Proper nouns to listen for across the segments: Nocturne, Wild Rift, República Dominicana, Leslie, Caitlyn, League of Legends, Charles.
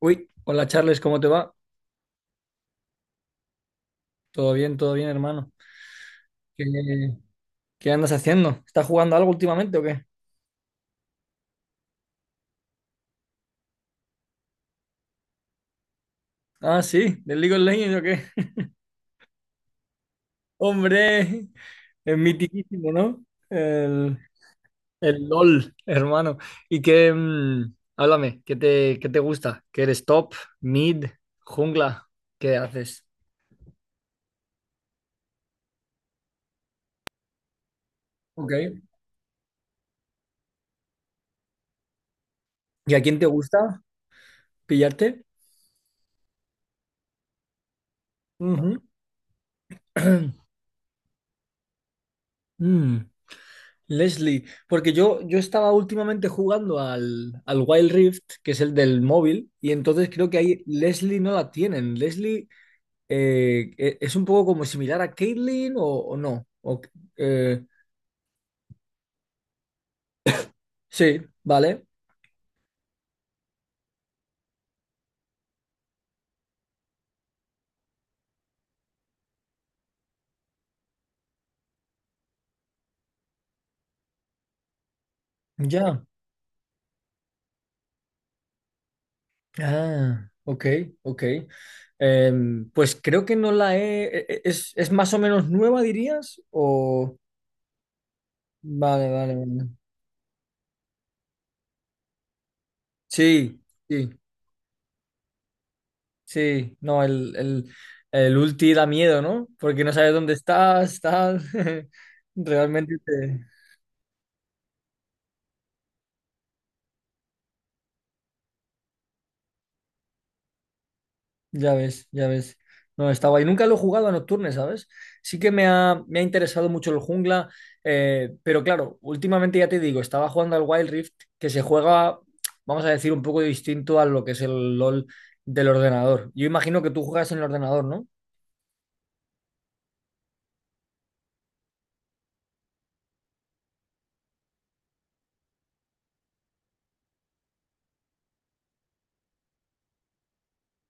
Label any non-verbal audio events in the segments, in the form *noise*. Uy, hola Charles, ¿cómo te va? Todo bien, hermano. ¿Qué, qué andas haciendo? ¿Estás jugando algo últimamente o qué? Ah, sí, del League of Legends o qué. *laughs* Hombre, es mitiquísimo, ¿no? El, el LOL, hermano. Y que, háblame, ¿qué te gusta? ¿Qué eres top, mid, jungla? ¿Qué haces? Ok. ¿Y a quién te gusta pillarte? Ujú. *clears throat* Mm. Leslie, porque yo estaba últimamente jugando al Wild Rift, que es el del móvil, y entonces creo que ahí Leslie no la tienen. Leslie es un poco como similar a Caitlyn o no. Eh, sí, vale. Ya. Ah, ok, ok. Pues creo que no la he ¿Es más o menos nueva, dirías? O... Vale, vale, vale. Sí, sí. Sí, no, el ulti da miedo, ¿no? Porque no sabes dónde estás, tal. *laughs* Realmente te- Ya ves, ya ves. No, está guay. Nunca lo he jugado a Nocturne, ¿sabes? Sí que me ha interesado mucho el jungla, pero claro, últimamente ya te digo, estaba jugando al Wild Rift, que se juega, vamos a decir, un poco distinto a lo que es el LOL del ordenador. Yo imagino que tú juegas en el ordenador, ¿no?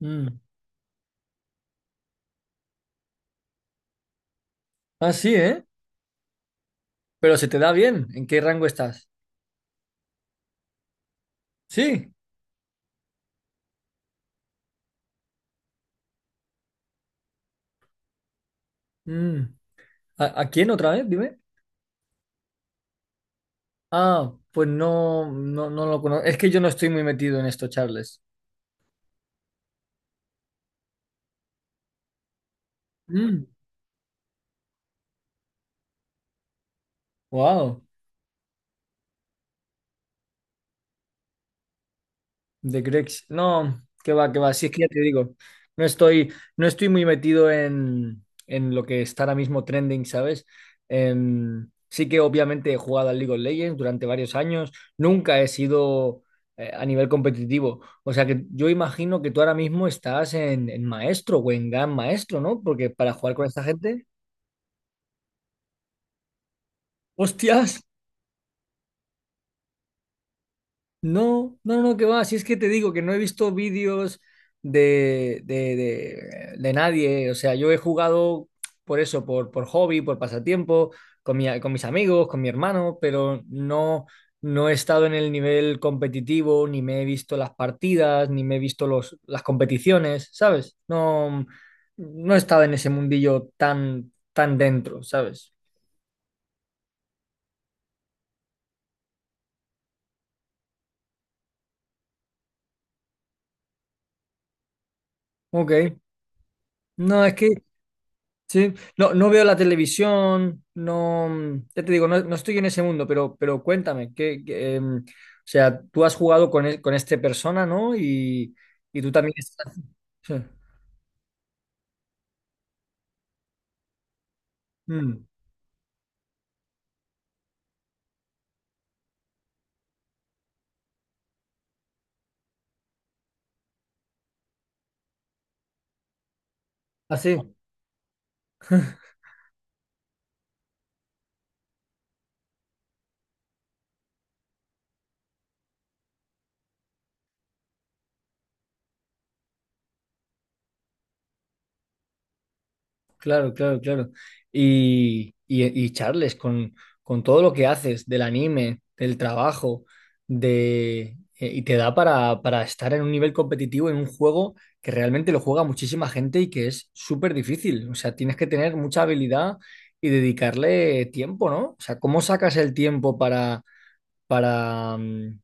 Mm. Ah, sí, ¿eh? Pero se te da bien. ¿En qué rango estás? Sí. Mm. ¿A quién otra vez? Dime. Ah, pues no, no, no lo conozco. Es que yo no estoy muy metido en esto, Charles. Mm, wow, de Grex. No, que va, que va. Si es que ya te digo, no estoy muy metido en lo que está ahora mismo trending, ¿sabes? Sí que obviamente he jugado al League of Legends durante varios años. Nunca he sido a nivel competitivo. O sea que yo imagino que tú ahora mismo estás en maestro o en gran maestro, ¿no? Porque para jugar con esta gente, ¡hostias! No, no, no, que va. Si es que te digo que no he visto vídeos de nadie. O sea, yo he jugado por eso, por hobby, por pasatiempo, con mis amigos, con mi hermano, pero no, no he estado en el nivel competitivo, ni me he visto las partidas, ni me he visto las competiciones, ¿sabes? No, no he estado en ese mundillo tan, tan dentro, ¿sabes? Ok. No, es que. Sí, no, no veo la televisión, no, ya te digo, no, no estoy en ese mundo, pero, cuéntame, o sea, tú has jugado con este persona, ¿no? Y tú también estás... Sí. Mm, así. Claro, claro, claro. Y Charles, con todo lo que haces del anime, del trabajo, y te da para estar en un nivel competitivo en un juego que realmente lo juega muchísima gente y que es súper difícil. O sea, tienes que tener mucha habilidad y dedicarle tiempo, ¿no? O sea, ¿cómo sacas el tiempo para, para, mm,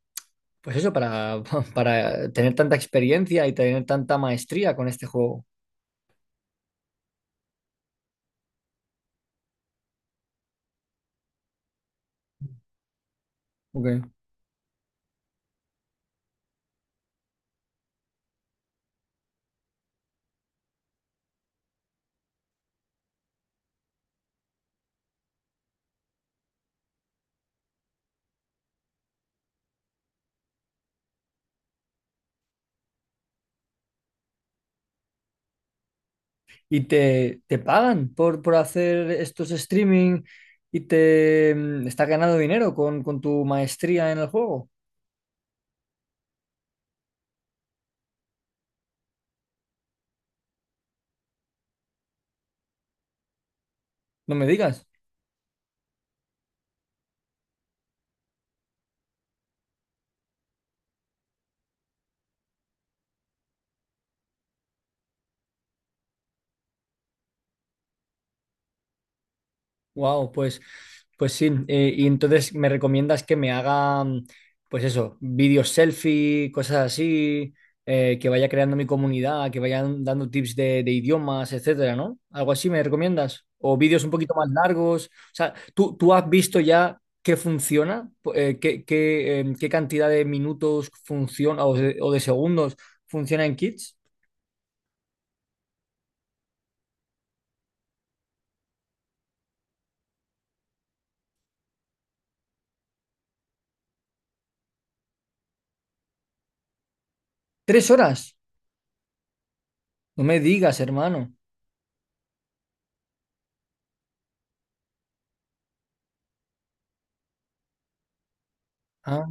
pues eso, para, *laughs* para tener tanta experiencia y tener tanta maestría con este juego? Ok. Y te pagan por hacer estos streaming y estás ganando dinero con tu maestría en el juego. No me digas. Wow, pues sí. Y entonces me recomiendas que me haga, pues eso, vídeos selfie, cosas así, que vaya creando mi comunidad, que vayan dando tips de idiomas, etcétera, ¿no? Algo así me recomiendas. O vídeos un poquito más largos. O sea, ¿tú has visto ya qué funciona? Qué cantidad de minutos funciona o de segundos funciona en Kids? ¿3 horas? No me digas, hermano. Ah,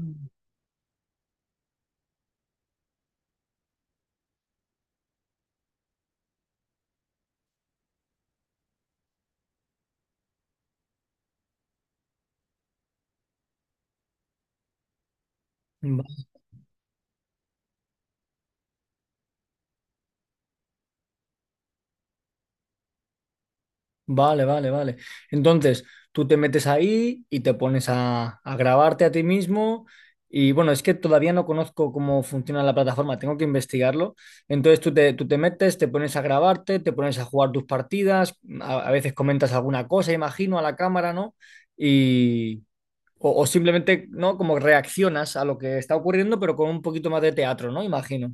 vale, vale, vale. Entonces, tú te metes ahí y te pones a grabarte a ti mismo. Y bueno, es que todavía no conozco cómo funciona la plataforma, tengo que investigarlo. Entonces tú te metes, te pones a grabarte, te pones a jugar tus partidas, a veces comentas alguna cosa, imagino, a la cámara, ¿no? Y, o simplemente, ¿no? Como reaccionas a lo que está ocurriendo, pero con un poquito más de teatro, ¿no? Imagino.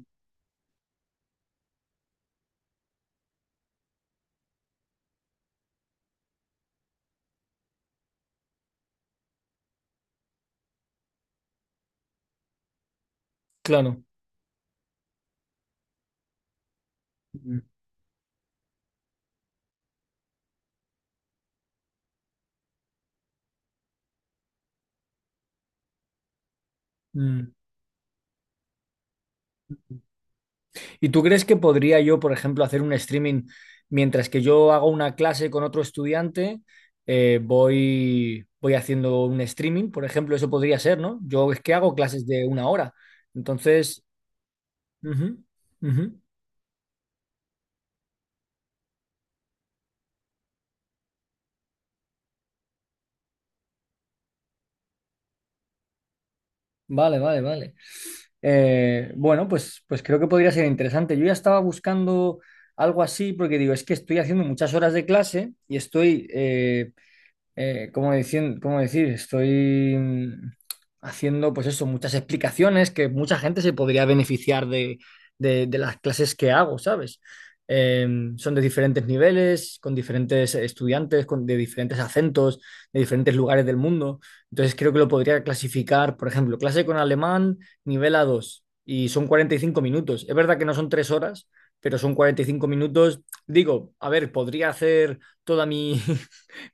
Claro. Mm. Mm. ¿Y tú crees que podría yo, por ejemplo, hacer un streaming mientras que yo hago una clase con otro estudiante? Voy haciendo un streaming, por ejemplo, eso podría ser, ¿no? Yo es que hago clases de una hora. Entonces, ujú, ujú. Vale, vale, vale. Bueno, pues creo que podría ser interesante. Yo ya estaba buscando algo así porque digo, es que estoy haciendo muchas horas de clase y estoy ¿cómo decir, cómo decir? Estoy haciendo, pues eso, muchas explicaciones que mucha gente se podría beneficiar de las clases que hago, ¿sabes? Eh, son de diferentes niveles, con diferentes estudiantes, de diferentes acentos, de diferentes lugares del mundo. Entonces creo que lo podría clasificar, por ejemplo, clase con alemán, nivel A2 y son 45 minutos. Es verdad que no son 3 horas, pero son 45 minutos. Digo, a ver, podría hacer toda *laughs*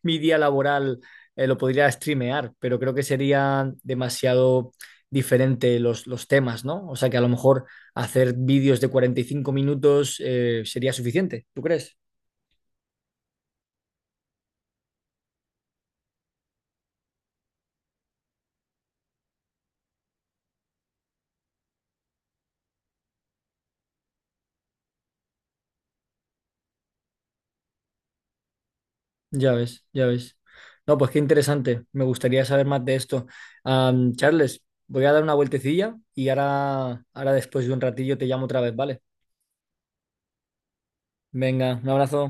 mi día laboral lo podría streamear, pero creo que sería demasiado diferente los temas, ¿no? O sea que a lo mejor hacer vídeos de 45 minutos sería suficiente, ¿tú crees? Ya ves, ya ves. No, pues qué interesante. Me gustaría saber más de esto. Charles, voy a dar una vueltecilla y ahora, después de un ratillo te llamo otra vez, ¿vale? Venga, un abrazo.